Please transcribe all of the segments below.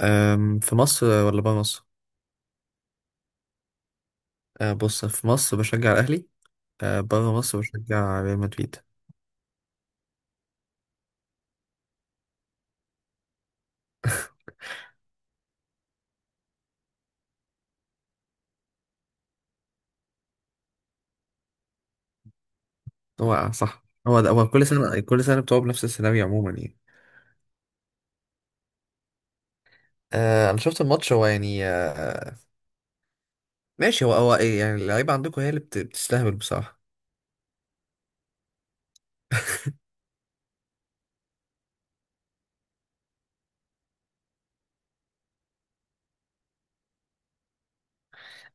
في مصر ولا بره مصر؟ بص، في مصر بشجع الأهلي. بره مصر بشجع ريال مدريد. هو صح، هو ده، هو كل سنة كل سنة بتقعد بنفس السيناريو عموما يعني. أنا شفت الماتش، هو يعني ماشي. هو إيه يعني، اللعيبة عندكم هي اللي بتستهبل بصراحة.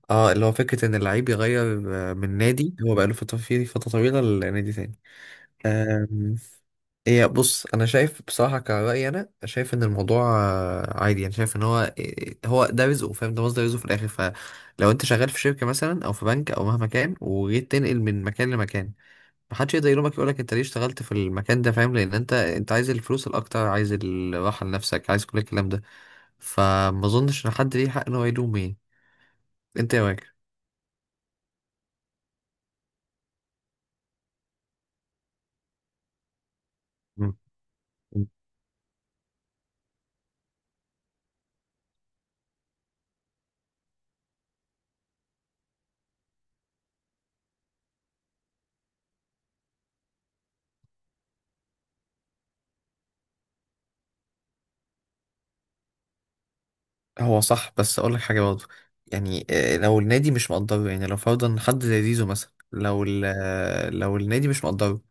اه، اللي هو فكرة إن اللعيب يغير من نادي هو بقاله فترة، فيه فترة طويلة، لنادي تاني. هي بص، انا شايف بصراحه، كرايي انا شايف ان الموضوع عادي يعني. شايف ان هو هو ده رزقه، فاهم؟ ده مصدر رزقه في الاخر. فلو انت شغال في شركه مثلا او في بنك او مهما كان، وجيت تنقل من مكان لمكان، محدش يقدر يلومك، يقول لك انت ليه اشتغلت في المكان ده؟ فاهم، لان انت عايز الفلوس الاكتر، عايز الراحه لنفسك، عايز كل الكلام ده. فما اظنش ان حد ليه حق ان هو يلوم ايه انت يا راجل. هو صح، بس اقول لك حاجه برضه. يعني لو النادي مش مقدره، يعني لو فرضا حد زي زيزو مثلا، لو ال- آه، لو النادي مش مقدره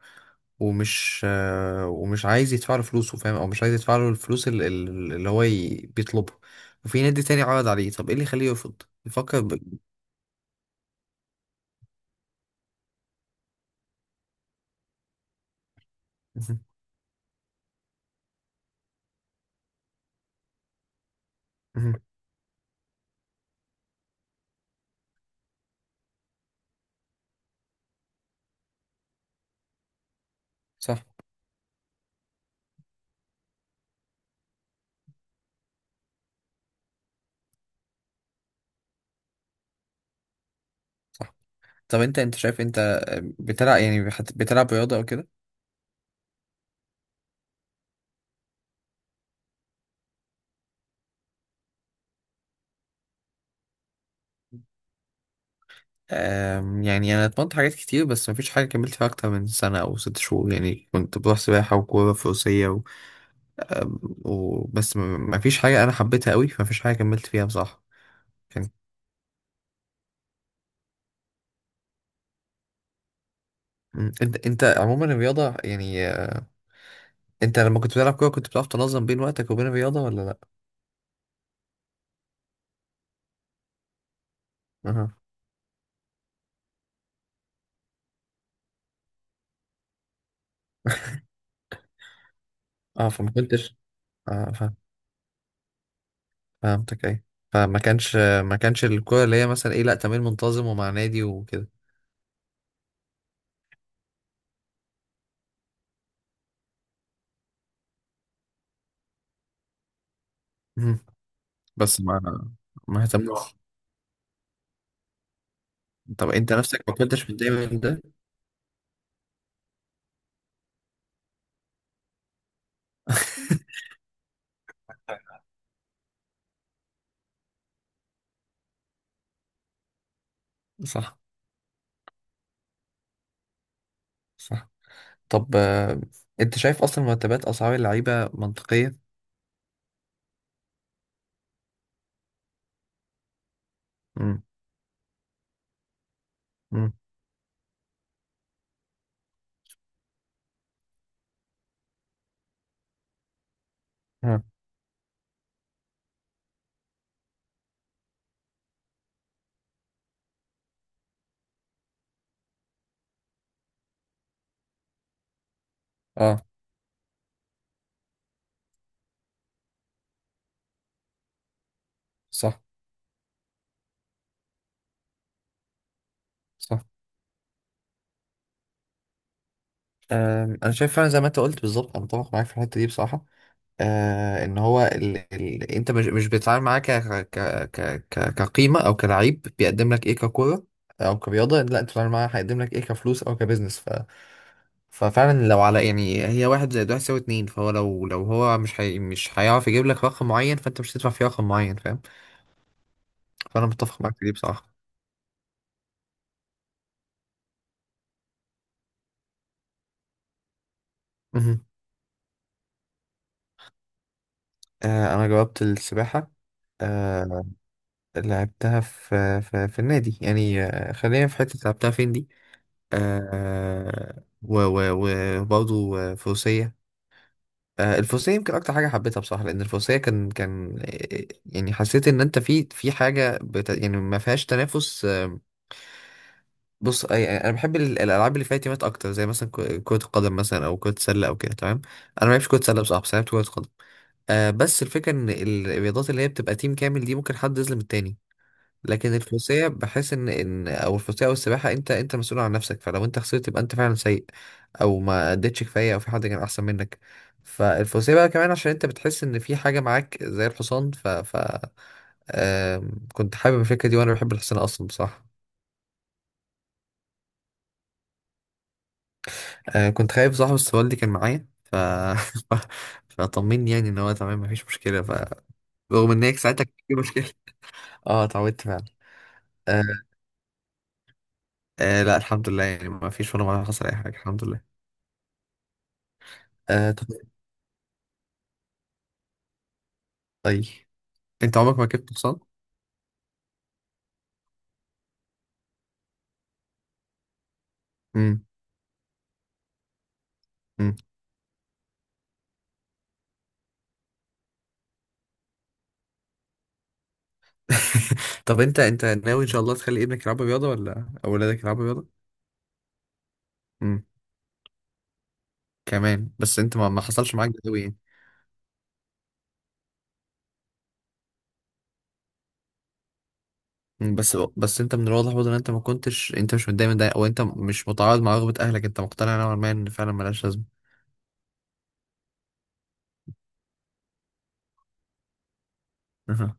ومش ومش عايز يدفع له فلوسه، فاهم؟ او مش عايز يدفع له الفلوس اللي هو بيطلبها، وفي نادي تاني عرض عليه، طب ايه اللي يخليه يرفض يفكر ب... مهم. مهم. صح. صح. طب انت شايف، انت بتلعب يعني بتلعب رياضه او كده؟ يعني انا اتمرنت حاجات كتير بس مفيش حاجه كملت فيها اكتر من سنه او ست شهور. يعني كنت بروح سباحه وكوره، فروسيه، وبس. مفيش حاجة أنا حبيتها قوي، فمفيش حاجة كملت فيها بصراحة. كان مم. أنت عموما الرياضة يعني، أنت لما كنت بتلعب كورة، كنت بتعرف تنظم بين وقتك وبين الرياضة ولا لأ؟ أها. أه فما كنتش. أه فاهم. فهمتك أي. فما كانش ما كانش الكورة اللي هي مثلا إيه، لأ، تمرين منتظم ومع نادي وكده. مم. بس ما، ما اهتمتش. طب أنت نفسك ما كنتش متضايق من ده؟ صح. صح. طب أنت شايف أصلا مرتبات أسعار اللعيبة منطقية؟ مم. مم. اه. صح. صح. انا شايف فعلا زي ما انت قلت بالظبط، انا متفق معاك في الحته دي بصراحه. آه ان هو ال... ال... انت مش بتتعامل معاه ك... ك... ك... ك... كقيمه او كلعيب بيقدم لك ايه ككوره او كرياضه، لا، انت بتتعامل معاه هيقدم لك ايه كفلوس او كبزنس، ف... ففعلا لو على يعني، هي واحد زائد واحد يساوي اتنين، فهو لو هو مش هي... مش هيعرف يجيب لك رقم معين، فانت مش هتدفع فيه رقم معين، فاهم. فانا متفق معاك في دي بصراحه. مهم. آه انا جاوبت السباحه. آه، لعبتها في النادي يعني خلينا في حتة لعبتها فين دي. آه و وبرضه فروسية. آه، الفروسية يمكن أكتر حاجة حبيتها بصراحة، لأن الفروسية كان يعني حسيت إن أنت في في حاجة بت يعني ما فيهاش تنافس بص يعني أنا بحب الألعاب اللي فيها تيمات أكتر، زي مثلا كرة القدم مثلا، أو كرة السلة، أو كده تمام. أنا ما بحبش كرة السلة بصراحة، بس لعبت كرة قدم. آه بس الفكرة إن الرياضات اللي هي بتبقى تيم كامل دي ممكن حد يظلم التاني. لكن الفروسية بحس ان او الفروسية او السباحة، انت مسؤول عن نفسك، فلو انت خسرت يبقى انت فعلا سيء، او ما اديتش كفاية، او في حد كان احسن منك. فالفروسية بقى كمان عشان انت بتحس ان في حاجة معاك زي الحصان، كنت حابب الفكرة دي، وانا بحب الحصان اصلا بصراحة. كنت خايف صاحب، بس والدي كان معايا ف فطمني يعني ان هو تمام، مفيش مشكلة ف، رغم ان هي ساعتها كان في مشكلة. اه، اتعودت فعلا. آه. آه لا الحمد لله، يعني مفيش ولا مرة حصل اي حاجة، الحمد لله. آه طيب. طيب. انت عمرك ما ركبت حصان. امم. امم. طب انت ناوي ان شاء الله تخلي ابنك يلعب رياضه، ولا اولادك يلعبوا رياضه؟ امم. كمان بس انت ما حصلش معاك ده قوي يعني. مم. بس انت من الواضح برضه ان انت ما كنتش انت مش متضايق من ده، او انت مش متعارض مع رغبه اهلك، انت مقتنع نوعا ما ان فعلا ملهاش لازمه. اها.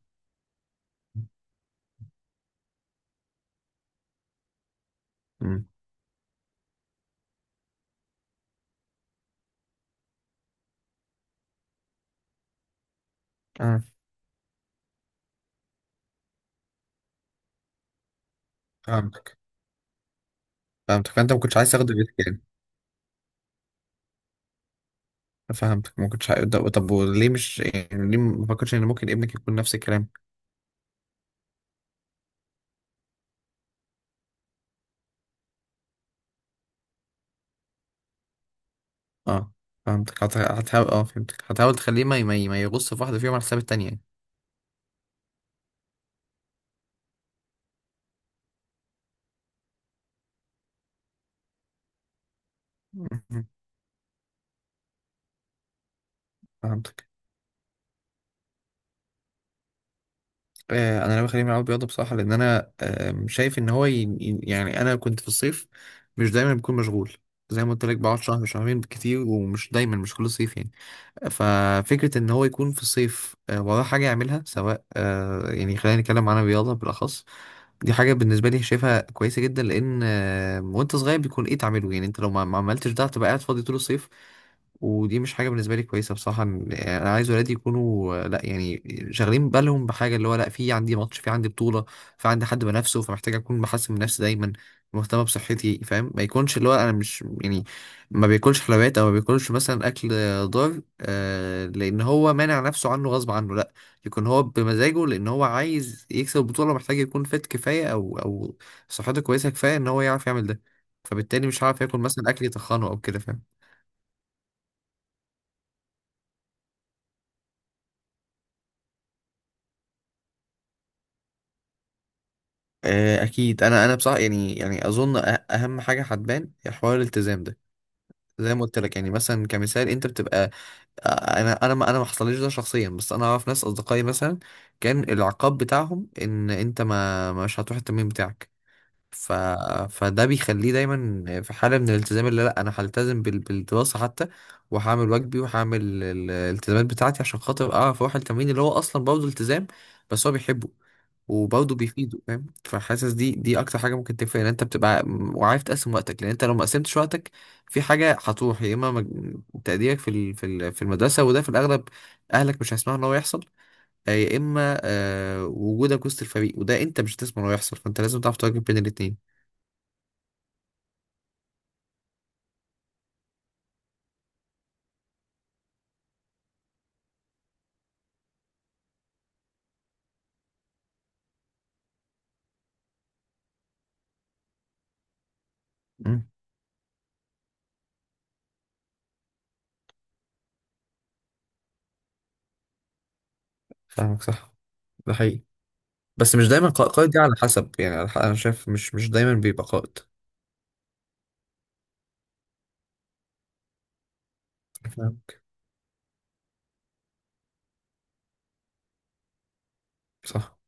امم. اه فهمتك. فهمتك، فانت ما كنتش عايز تاخده بيتك يعني. فهمتك ما كنتش عايز. طب، طب وليه مش يعني ليه ما فكرتش ان ممكن ابنك يكون نفس الكلام؟ اه فهمتك، هتحاول. اه فهمتك، هتحاول تخليه ما يغص في واحدة فيهم على حساب التانية يعني. مهم. فهمتك. انا لو خليه يلعب رياضة بصراحة، لان انا شايف ان هو ي... يعني انا كنت في الصيف مش دايما بكون مشغول، زي ما قلت لك بقعد شهر شهرين بالكتير، ومش دايما، مش كل صيف يعني. ففكرة إن هو يكون في الصيف وراه حاجة يعملها، سواء يعني خلينا نتكلم عن الرياضة بالأخص، دي حاجة بالنسبة لي شايفها كويسة جدا، لأن وأنت صغير بيكون إيه تعمله، يعني أنت لو ما عملتش ده هتبقى قاعد فاضي طول الصيف، ودي مش حاجة بالنسبة لي كويسة بصراحة. إن- يعني أنا عايز ولادي يكونوا لأ يعني شاغلين بالهم بحاجة، اللي هو لأ، في عندي ماتش، في عندي بطولة، في عندي حد بنافسه، فمحتاج أكون بحسن من نفسي دايما، مهتمة بصحتي، فاهم؟ ما يكونش اللي هو أنا مش يعني ما بياكلش حلويات، أو ما بياكلش مثلا أكل ضار لان هو مانع نفسه عنه غصب عنه، لا، يكون هو بمزاجه، لان هو عايز يكسب البطوله، محتاج يكون فت كفايه، او او صحته كويسه كفايه ان هو يعرف يعمل ده. فبالتالي مش هعرف ياكل مثلا اكل يتخنه او كده، فاهم. اكيد، انا بصراحه يعني يعني اظن اهم حاجه هتبان هي حوار الالتزام ده. زي ما قلت لك يعني مثلا كمثال، انت بتبقى آه، انا ما حصلليش ده شخصيا، بس انا اعرف ناس اصدقائي مثلا كان العقاب بتاعهم ان انت ما مش هتروح التمرين بتاعك. ف... فده بيخليه دايما في حالة من الالتزام اللي لا انا هلتزم بال... بالدراسة حتى، وهعمل واجبي، وهعمل الالتزامات بتاعتي عشان خاطر اعرف اروح التمرين اللي هو اصلا برضه التزام، بس هو بيحبه، وبرضه بيفيده، فاهم؟ فحاسس دي اكتر حاجة ممكن تفرق، ان انت بتبقى وعارف تقسم وقتك، لان انت لو ما قسمتش وقتك في حاجة هتروح، يا اما تقديرك في ال... في ال... في المدرسة، وده في الاغلب اهلك مش هيسمعوا ان هو يحصل، يا اما وجودك وسط الفريق، وده انت مش هتسمع انه يحصل، فانت لازم تعرف تواجه بين الاتنين. مم. فاهمك صح، ده حقيقي. بس مش دايما قائد، دي على حسب يعني، على انا شايف مش دايما بيبقى قائد، فاهم؟ صح.